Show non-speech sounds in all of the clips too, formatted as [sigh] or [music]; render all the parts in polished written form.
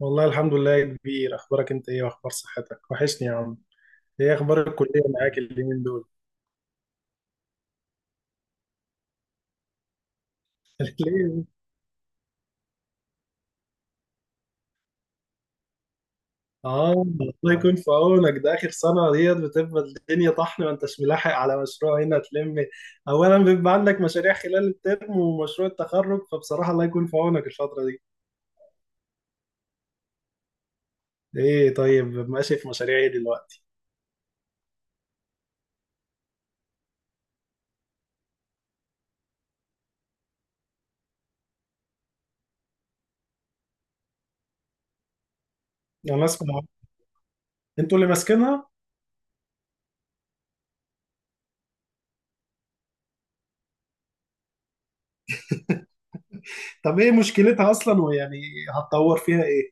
والله الحمد لله يا كبير، اخبارك انت ايه؟ واخبار صحتك، وحشني يا عم. ايه اخبار الكليه معاك اليومين دول؟ [laughs] ليه؟ اه. الله يكون في عونك، ده اخر سنه ديت بتبقى الدنيا طحن، ما انتش ملاحق على مشروع هنا تلم. اولا بيبقى عندك مشاريع خلال الترم ومشروع التخرج، فبصراحه الله يكون في عونك الفتره دي. ايه طيب، ماشي، في مشاريع ايه دلوقتي؟ انا اسمع. انتوا اللي ماسكينها. طب ايه مشكلتها اصلا، ويعني هتطور فيها ايه؟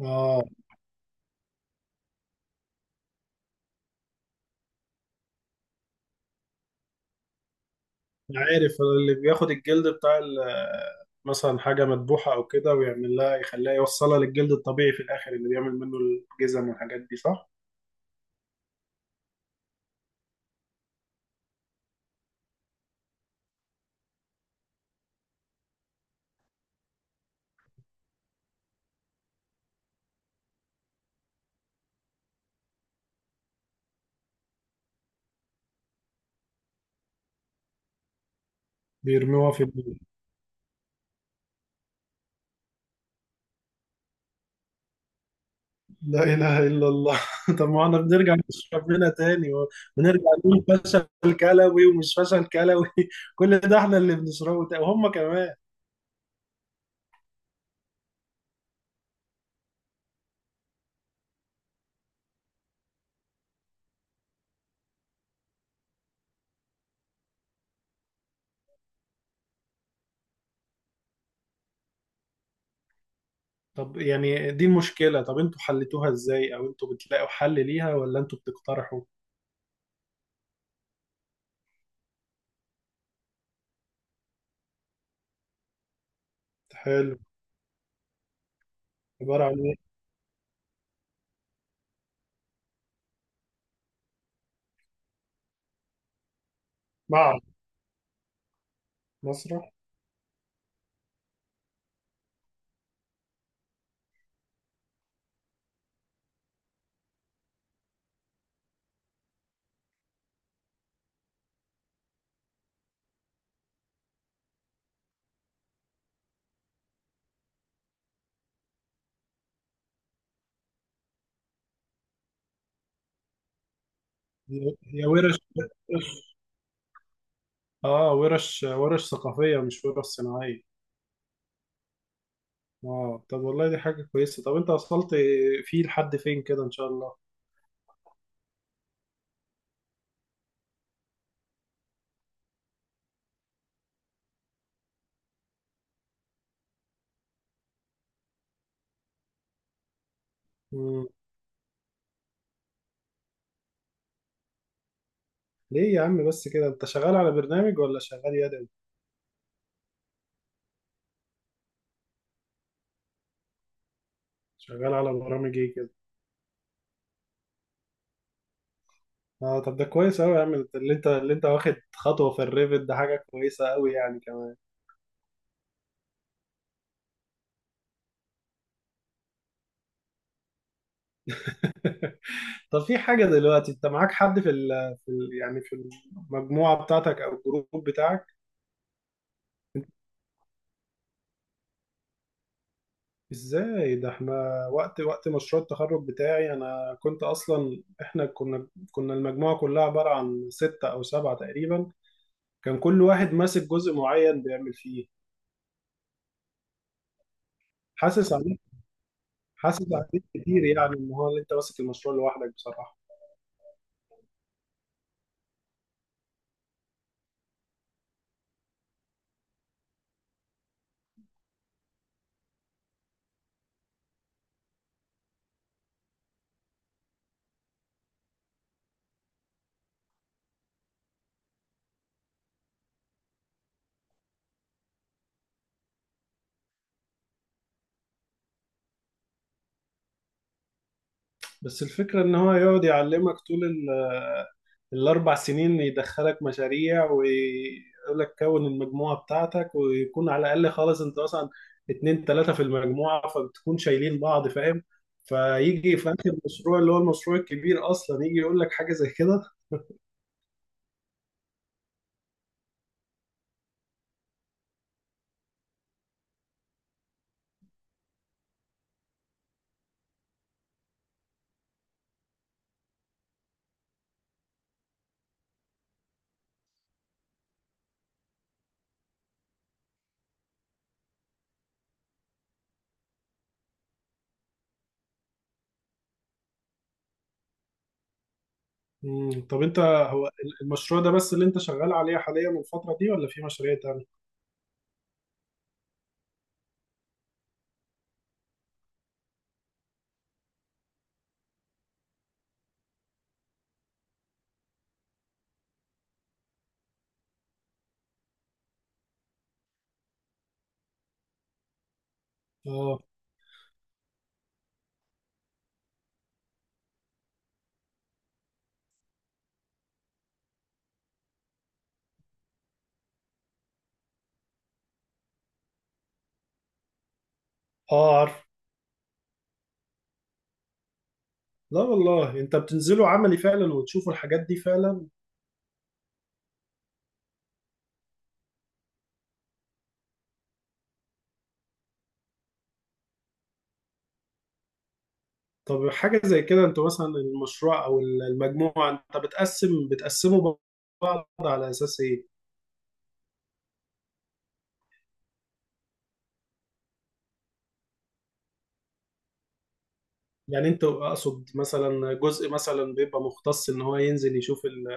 اه. عارف اللي بياخد الجلد بتاع مثلا حاجة مذبوحة أو كده، ويعمل لها يخليها يوصلها للجلد الطبيعي في الآخر، اللي بيعمل منه الجزم والحاجات دي، صح؟ بيرموها في لا إله إلا الله. [laughs] طب ما احنا بنرجع نشرب منها تاني ونرجع نقول فشل كلوي ومش فشل كلوي، [laughs] كل ده احنا اللي بنشربه وهم كمان. طب يعني دي المشكلة، طب انتوا حلتوها ازاي أو انتوا بتلاقوا حل ليها ولا انتوا بتقترحوا؟ حلو. عبارة عن ايه؟ معرض. مسرح. هي ورش- اه، ورش ثقافية مش ورش صناعية. اه طب، والله دي حاجة كويسة. طب انت وصلت فيه لحد فين كده ان شاء الله؟ مم. ليه يا عم بس كده، انت شغال على برنامج ولا شغال يدوي؟ شغال على برامج ايه كده؟ اه طب، ده كويس قوي يا عم، اللي انت واخد خطوة في الريفت، ده حاجة كويسة قوي يعني كمان. [laughs] طب في حاجة دلوقتي، انت معاك حد في ال في ال يعني في المجموعة بتاعتك او الجروب بتاعك؟ ازاي ده، احنا وقت مشروع التخرج بتاعي، انا كنت اصلا، احنا كنا المجموعة كلها عبارة عن 6 او 7 تقريبا. كان كل واحد ماسك جزء معين بيعمل فيه. حاسس عليك. حاسس عليك كتير، يعني ان هو انت ماسك المشروع لوحدك بصراحة. بس الفكرة ان هو يقعد يعلمك طول ال4 سنين، يدخلك مشاريع ويقول لك كون المجموعه بتاعتك، ويكون على الاقل خالص انت مثلا اتنين تلاته في المجموعه، فبتكون شايلين بعض، فاهم؟ فيجي في اخر المشروع اللي هو المشروع الكبير اصلا، يجي يقول لك حاجه زي كده. مم، طب انت، هو المشروع ده بس اللي انت شغال عليه حاليا الفتره دي ولا في مشاريع تانية؟ اه. اه عارف. لا والله، انت بتنزلوا عملي فعلا وتشوفوا الحاجات دي فعلا. طب حاجة زي كده، انتوا مثلا المشروع او المجموعة انت بتقسموا بعض على اساس ايه؟ يعني انتوا اقصد، مثلا جزء مثلا بيبقى مختص ان هو ينزل يشوف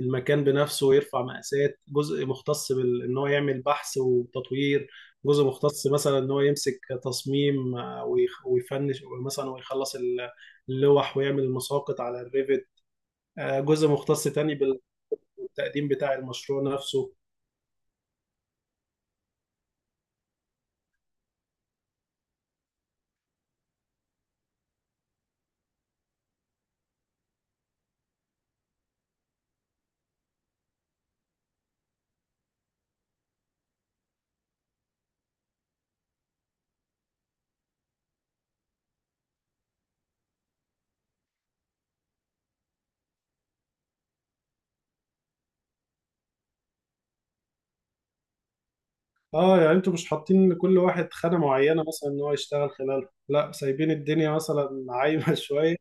المكان بنفسه ويرفع مقاسات، جزء مختص ان هو يعمل بحث وتطوير، جزء مختص مثلا ان هو يمسك تصميم، ويفنش مثلا ويخلص اللوح، ويعمل المساقط على الريفت، جزء مختص تاني بالتقديم بتاع المشروع نفسه. اه يعني انتوا مش حاطين لكل واحد خانة معينة مثلا ان هو يشتغل خلالها، لا سايبين الدنيا مثلا عايمة [laughs] شوية.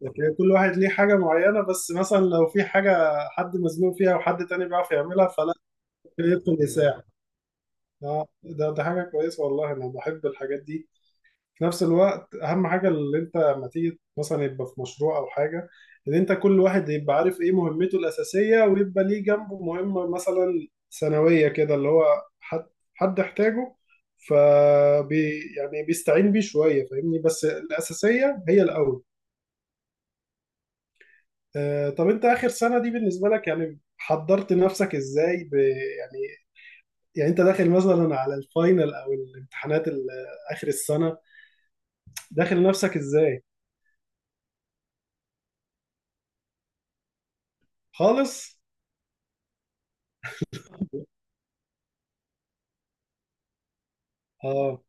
لكن كل واحد ليه حاجة معينة، بس مثلا لو في حاجة حد مزنوق فيها وحد تاني بيعرف يعملها فلا. يدخل يساعد. اه، ده حاجة كويسة والله، انا بحب الحاجات دي. في نفس الوقت، اهم حاجه اللي انت لما تيجي مثلا يبقى في مشروع او حاجه، ان انت كل واحد يبقى عارف ايه مهمته الاساسيه، ويبقى ليه جنبه مهمه مثلا ثانويه كده، اللي هو حد حد احتاجه، يعني بيستعين بيه شويه، فاهمني؟ بس الاساسيه هي الاول. طب انت، اخر سنه دي بالنسبه لك يعني حضرت نفسك ازاي، ب يعني يعني انت داخل مثلا على الفاينل او الامتحانات اخر السنه، داخل نفسك ازاي؟ خالص؟ اه،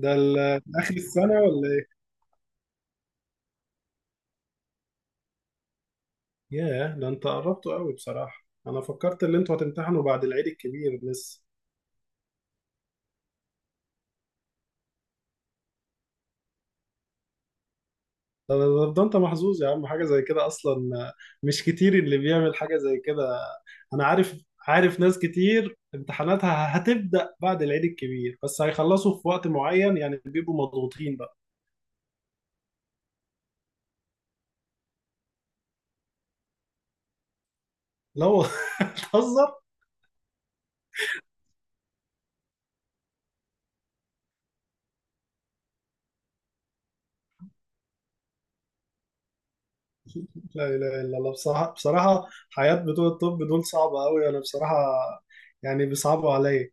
ده آخر السنة ولا إيه؟ ياه، ده أنت قربته قوي بصراحة. أنا فكرت إن أنتوا هتمتحنوا بعد العيد الكبير لسه. ده أنت محظوظ يا عم، حاجة زي كده أصلا مش كتير اللي بيعمل حاجة زي كده. أنا عارف. عارف ناس كتير امتحاناتها هتبدأ بعد العيد الكبير، بس هيخلصوا في وقت معين يعني، بيبقوا مضغوطين بقى. لو [laughs] بتهزر. لا إله إلا الله، بصراحة بصراحة حياة بتوع الطب دول صعبة قوي، أنا بصراحة يعني بيصعبوا عليا.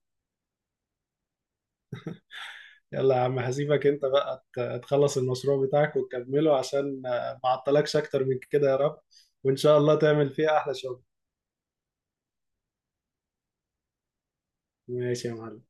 يلا يا عم، هسيبك انت بقى تخلص المشروع بتاعك وتكمله، عشان ما اعطلكش اكتر من كده يا رب، وان شاء الله تعمل فيها احلى شغل. ماشي يا معلم.